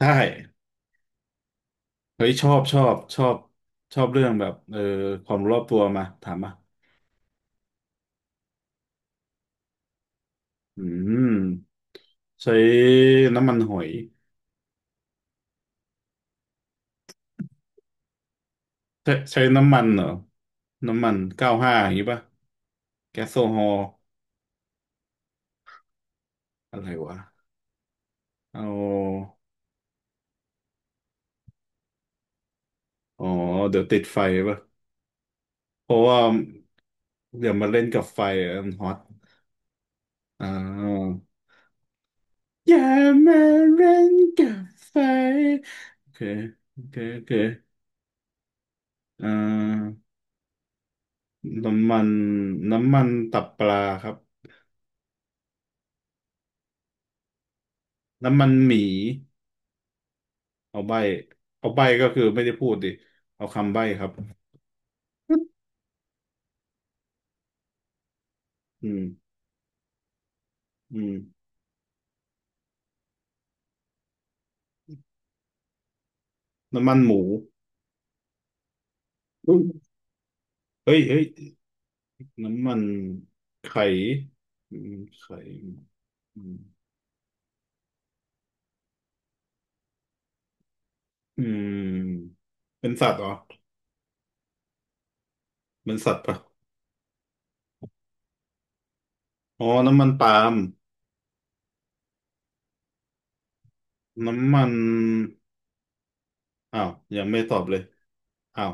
ใช่เฮ้ยชอบชอบชอบชอบเรื่องแบบความรู้รอบตัวมาถามมาอืมใช้น้ำมันหอยใช้ใช้น้ำมันเหรอน้ำมัน95อย่างนี้ป่ะแก๊สโซฮอล์อะไรวะเอาอ๋อเดี๋ยวติดไฟป่ะเพราะว่าเดี๋ยวมาเล่นกับไฟอะมันฮอตอ่าอย่ามาเล่นกับไฟโอเคโอเคโอเคอ่าน้ำมันน้ำมันตับปลาครับ น้ำมันหมีเอาใบเอาใบก็คือไม่ได้พูดดิเอาคำใบครับ อืมอืมน้ำมันหมูอืมเฮ้ยเฮ้ยน้ำมันไข่อืมไข่อืมอืมเป็นสัตว์เหรอเป็นสัตว์ปะอ๋อน้ำมันปาล์มน้ำมันอ้าวยังไม่ตอบเลยอ้าว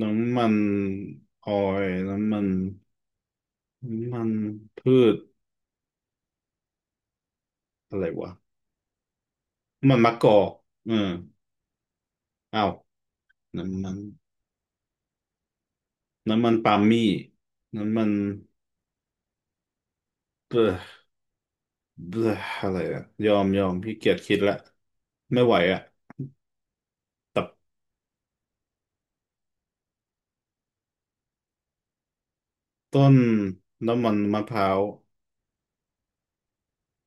น้ำมันออยล์น้ำมันน้ำมันพืชอะไรวะน้ำมันมะกอกเอออ้าว น้ำมันน้ำมันปาล์มมี่น้ำมันเบลอเบลออะไรอะยอมยอมพี่เกียจคิดละไม่ไหวอะตับต้นน้ำมันมะพร้าว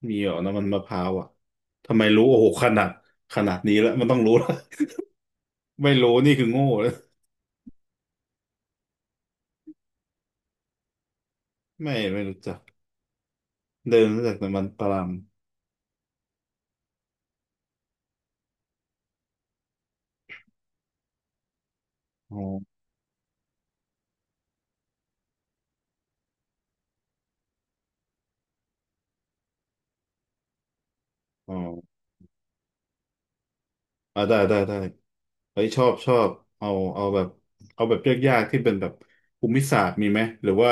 มีเหรอน้ำมันมะพร้าวอะทำไมรู้โอ้โหขนาดขนาดนี้แล้วมันต้องรู้แล้ว ไม่รู้นี่คือโง่แล้วไม่ไม่รู้จักเดินรู้จักน้ำมันปาล์มอ๋ออ๋อ อ่าได้ได้ได้เฮ้ยชอบชอบเอาเอาแบบเอาแบบยากๆที่เป็นแบบภูมิศาสตร์มีไหมหรือว่า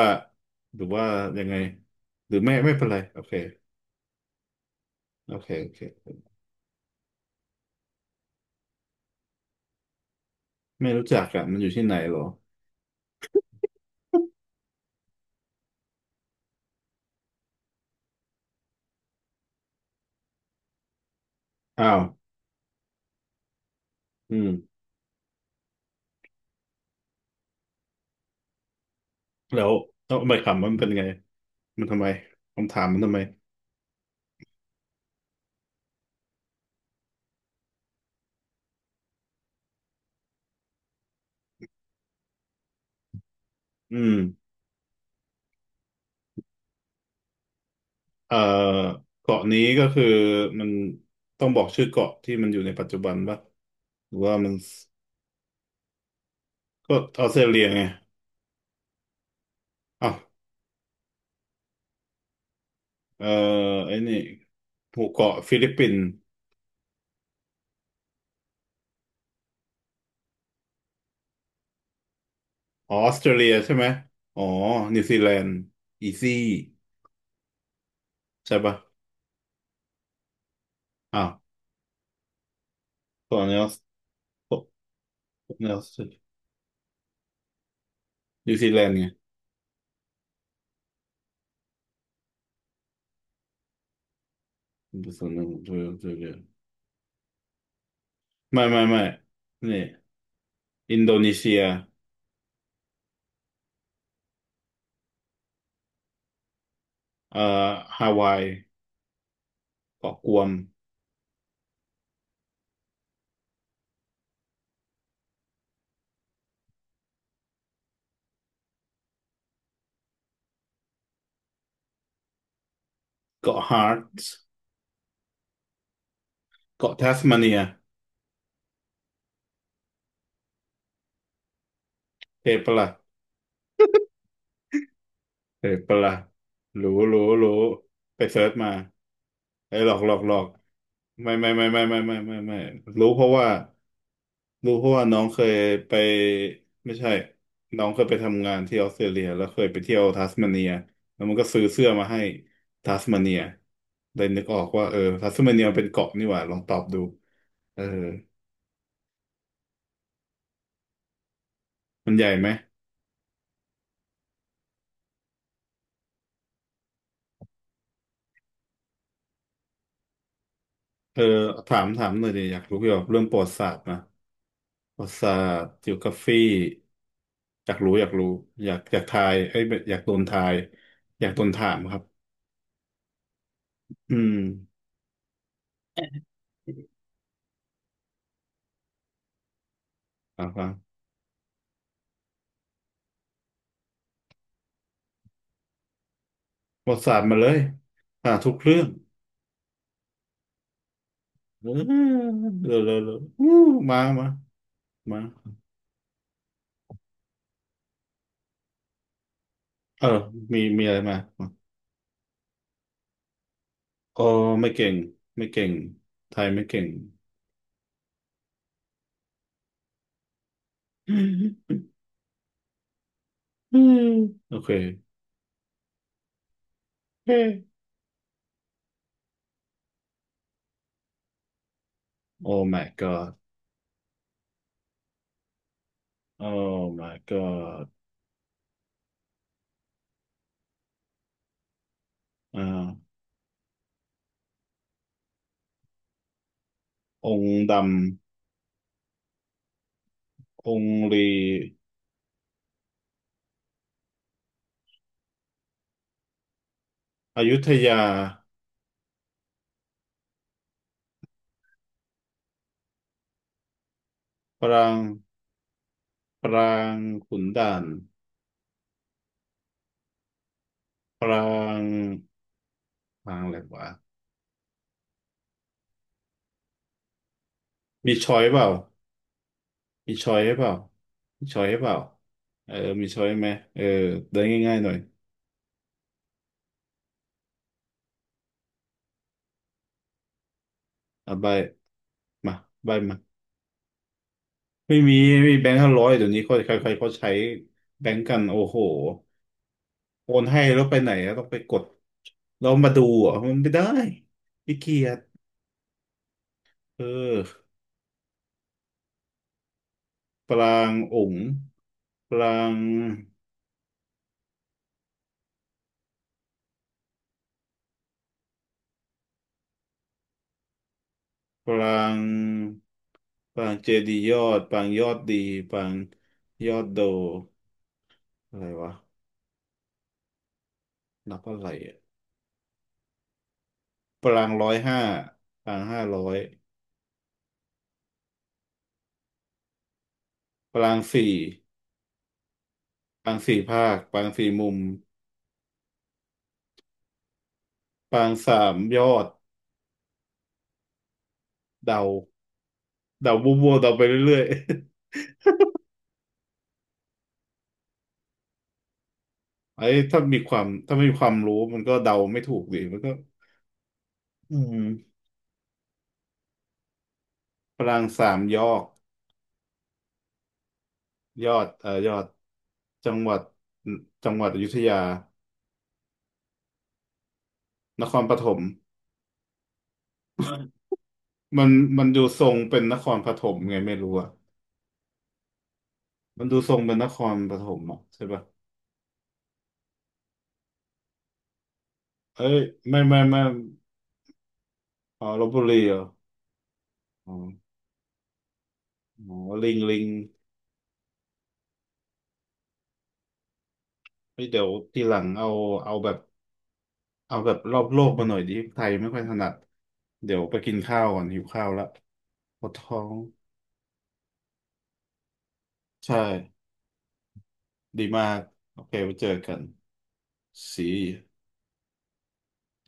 หรือว่ายังไงหรือไม่ไม่เป็นไรโอเคโอเคโอเคไม่รู้จักอ่ะมันอยู่ที่ไหนเหรออ้าวอืมแล้วแล้วใบคำมันเป็นไงมันทำไมคำถามมันทำไมอืมเอ่อเกาะนี้ก็คือมันต้องบอกชื่อเกาะที่มันอยู่ในปัจจุบันป่ะหรือว่ามันก็ออสเตรเลียไงอ้าว เออไอ้นี่หมู่เกาะฟิลิปปินส์ออออสเตรเลียใช่ไหมอ๋อนิวซีแลนด์อีซี่ใช่ปะอ้าวส่วนนี้ส่วนนี้นิวซีแลนด์ไงส่วนนี้อสเตรเลียไม่ไม่ไม่นี่อินโดนีเซียเอ่อฮาวายเกาะกวมเกาะฮาร์ตส์เกาะแทสมาเนียเทปะละเทปะละรู้รู้รู้ไปเซิร์ชมา ไอ้ยหลอกหลอกหลอกไม่ไม่ไม่ไม่ไม่ไม่ไม่ไม่ไม่รู้เพราะว่ารู้เพราะว่าน้องเคยไปไม่ใช่น้องเคยไปทำงานที่ออสเตรเลียแล้วเคยไปเที่ยวทัสมาเนียแล้วมันก็ซื้อเสื้อมาให้ทัสมาเนียเลยนึกออกว่าเออทัสมาเนียมันเป็นเกาะนี่หว่าลองตอบดูเออมันใหญ่ไหมเออถามถามหน่อยดิอยากรู้เกี่ยวกับเรื่องประวัติศาสตร์นะประวัติศาสตร์จิวกราฟีอยากรู้อยากรู้อยากอยากทายไอ้ยอยากโดนทายอยากโดนถามครับ อืมอ่าฟังประวัติศาสตร์มาเลยอ่าทุกเรื่องเออเร็วเร็วเร็วอู้มา มา มา เออ มีมีอะไรมามาอ๋อไม่เก่งไม่เก่งไทยไม่เก่งอืมโอเคเฮ้ Oh my god Oh my god อ่าองค์ดำองค์ลีอยุธยาปรางปรางขุนด่านปรางปรางอะไรวะมีช้อยเปล่า มีช้อยให้เปล่ามีช้อยให้เปล่าเออมีช้อยไหมเออเด้ง่ายๆหน่อยเอาใบมาใบมาไม่มีไม่มีแบงค์ห้าร้อยเดี๋ยวนี้เขาใครๆเขาใช้แบงค์กันโอ้โหโอนให้แล้วไปไหนอะต้องไปกดแล้วมาดูอ่ะมันไม่ได้ขี้เกียจเออปรางองค์ปรางปรางปรางเจดียอดปรางยอดดีปรางยอดโดอะไรวะ นับอะไรอ่ะ ปราง105ปรางห้าร้อยปรางสี่ปรางสี่ภาคปรางสี่มุมปรางสามยอดเดาเดาบัวๆเดาไปเรื่อยๆ ไอ้ถ้ามีความถ้าไม่มีความรู้มันก็เดาไม่ถูกดิมันก็อืมปรางสามยอดยอดยอดจังหวัดจังหวัดอยุธยานครปฐมมันมันดูทรงเป็นนครปฐมไงไม่รู้อะมันดูทรงเป็นนครปฐมอะใช่ปะเอ้ยไม่ไม่ไม่อ๋อลพบุรีเหรออ๋อ อ๋อลิงลิงเฮ้ยเดี๋ยวทีหลังเอาเอาแบบเอาแบบรอบโลกมาหน่อยดิไทยไม่ค่อยถนัดเดี๋ยวไปกินข้าวก่อนหิวข้าวละปวดท้องใช่ดีมากโอเคไว้เจอกัน See you